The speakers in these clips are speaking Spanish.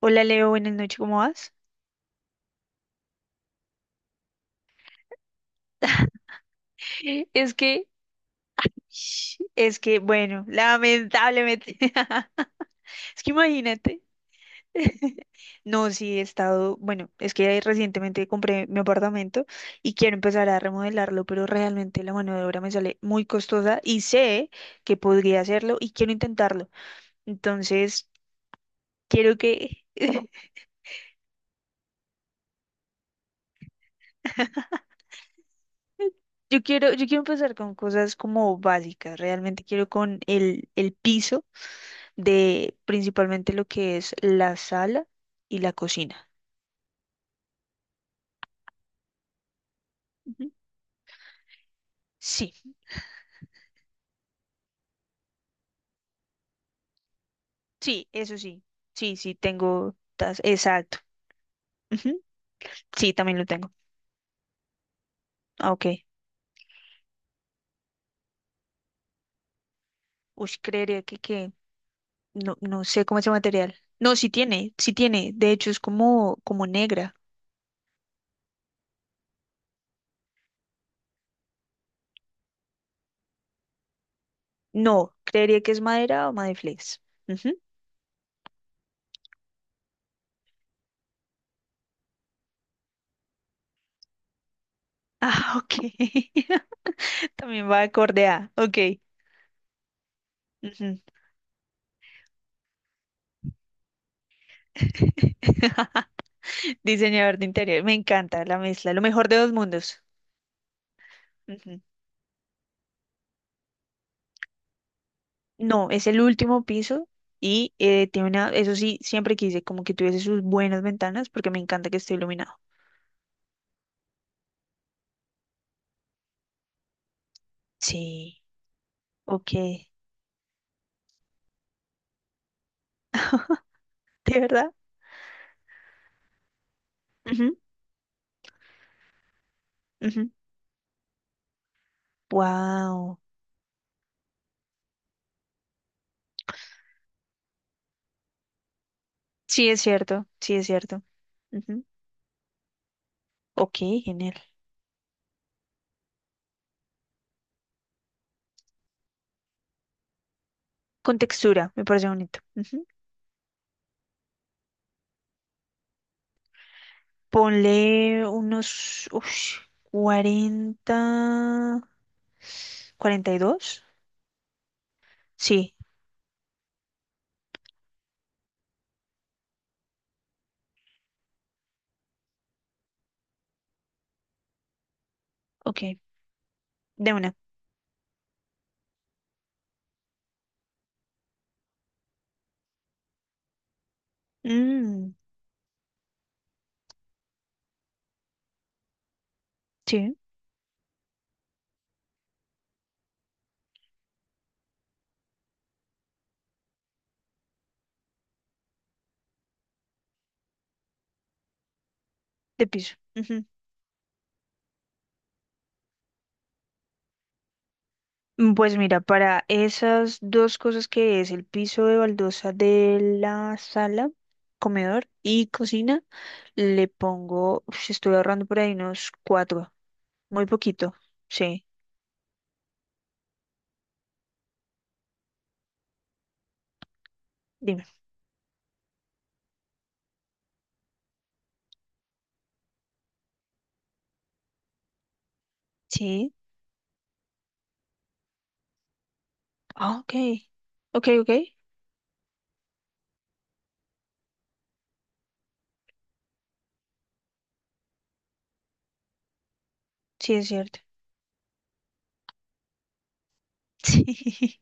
Hola Leo, buenas noches, ¿cómo vas? Es que, es que, bueno, lamentablemente, es que imagínate. No, sí, he estado, bueno, es que recientemente compré mi apartamento y quiero empezar a remodelarlo, pero realmente la mano de obra me sale muy costosa y sé que podría hacerlo y quiero intentarlo. Entonces, quiero que, yo quiero empezar con cosas como básicas, realmente quiero con el piso. De principalmente lo que es la sala y la cocina. Ujú. Sí, sí, eso sí. Sí, sí, exacto. Ujú. Sí, también lo tengo. Ah, ok. Uy, creería que no, no sé cómo es el material. No, sí tiene, sí tiene. De hecho, es como negra. No, creería que es madera o madeflex. Ujú. Ah, ok. También va acorde a. Ok. Ujú. Diseñador de interior. Me encanta la mezcla. Lo mejor de dos mundos. Ujú. No, es el último piso y tiene una, eso sí, siempre quise como que tuviese sus buenas ventanas porque me encanta que esté iluminado. Sí, ok. ¿De verdad? Ujú, ujú. Wow. Sí, es cierto, sí, es cierto. Ujú. Ok, genial. Con textura, me parece bonito. Ujú. Ponle unos 40, 42. Sí, ok, de una. Mm, sí, de piso. Pues mira, para esas dos cosas que es el piso de baldosa de la sala, comedor y cocina, le pongo, uf, estoy ahorrando por ahí unos cuatro, muy poquito, sí, dime. Sí, ah, ok, ok, ok, sí es cierto. Sí,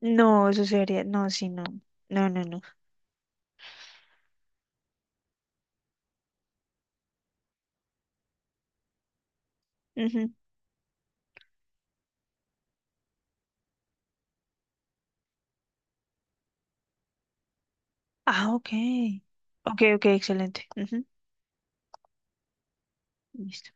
no, eso sería, no, sí, no, no, no, no. Ujú. Ah, ok, ok, ok, excelente. Ujú, listo.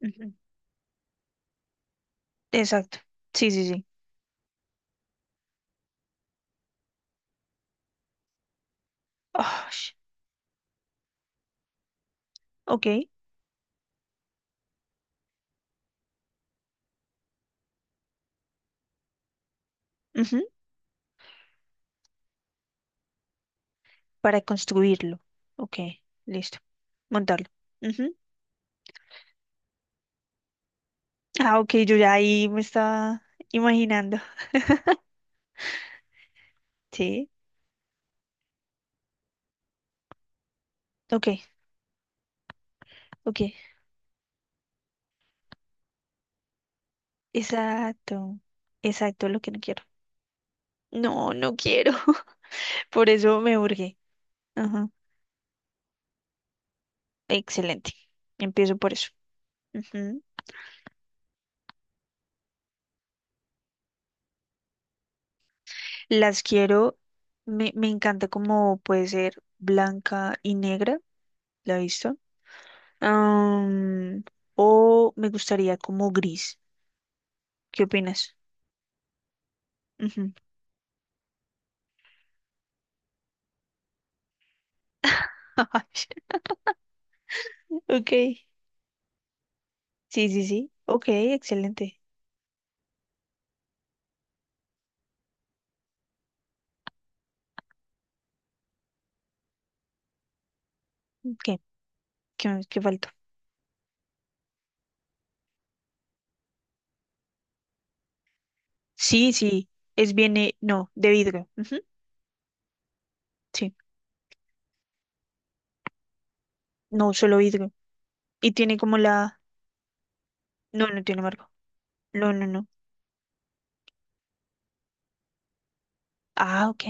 Ujú, exacto, sí, sí, sí. Ah, ok. Para construirlo. Ok, listo. Montarlo. Ujú. Ah, ok, yo ya ahí me estaba imaginando. Sí. Ok, ok. Exacto. Exacto, lo que no quiero. No, no quiero. Por eso me urge. Ajá. Excelente. Empiezo por eso. Ujú. Las quiero. Me encanta como puede ser blanca y negra. ¿La he visto? Am, o me gustaría como gris. ¿Qué opinas? Ok, sí, sí, sí. Ok, excelente. ¿Qué? ¿Qué falta? Sí, sí, es viene, no, de vidrio. Ujú, sí, no, solo vidrio. Y tiene como la. No, no tiene marco. No, no, no. Ah, ok.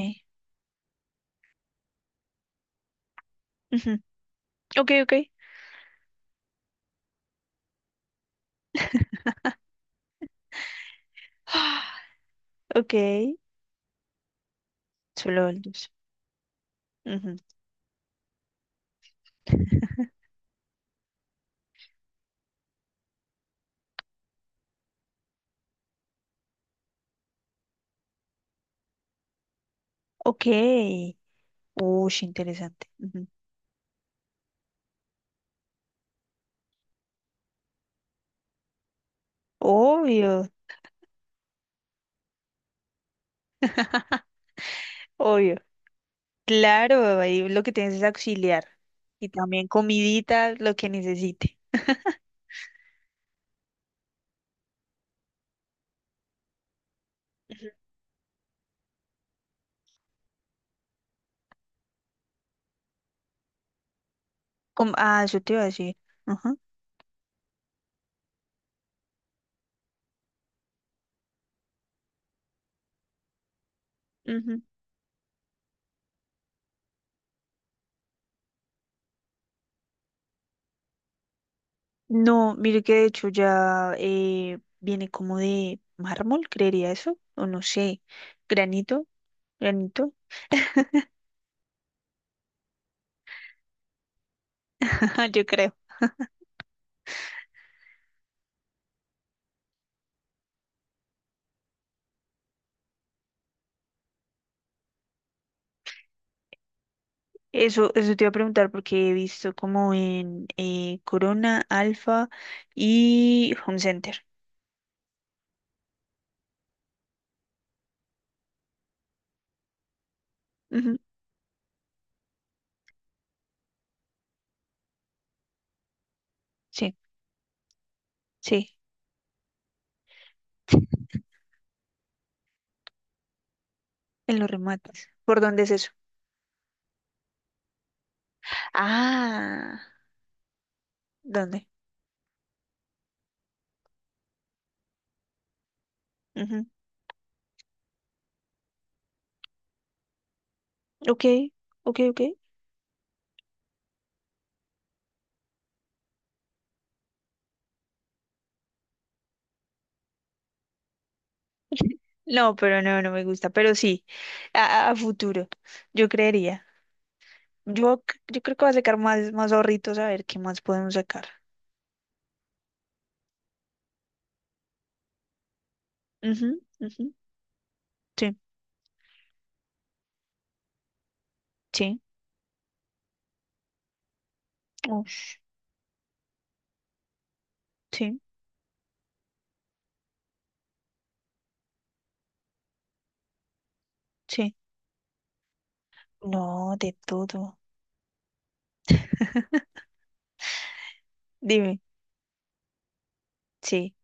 Ujú, ok, ok. Ok, solo el dos. Ujú. Ok. Uy, interesante. Ujú. Obvio, obvio. Claro, ahí lo que tienes es auxiliar. Y también comidita, lo que necesite. Eso te iba a decir. Ajá. Ujú. No, mire que de hecho ya viene como de mármol, creería eso, o no sé, granito, granito, ajá, yo creo. Eso te iba a preguntar porque he visto como en Corona, Alfa y Home Center. Ujú, sí, sí, en los remates. ¿Por dónde es eso? Ah, ¿dónde? Ujú, ok, ok, ok. No, pero no, no me gusta, pero sí, a futuro, yo creería. Yo creo que va a sacar más, más ahorritos a ver qué más podemos sacar. Ujú, ujú, sí, sí, ush, sí, sí. No, de todo. Dime, sí.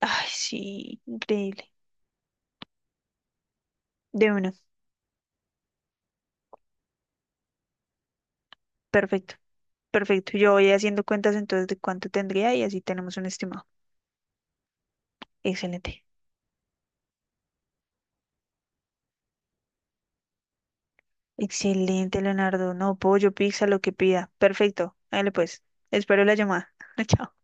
Ay, sí, increíble. De una, perfecto, perfecto. Yo voy haciendo cuentas entonces de cuánto tendría y así tenemos un estimado. Excelente, excelente, Leonardo. No, pollo, pizza, lo que pida. Perfecto, dale pues. Espero la llamada. Chao.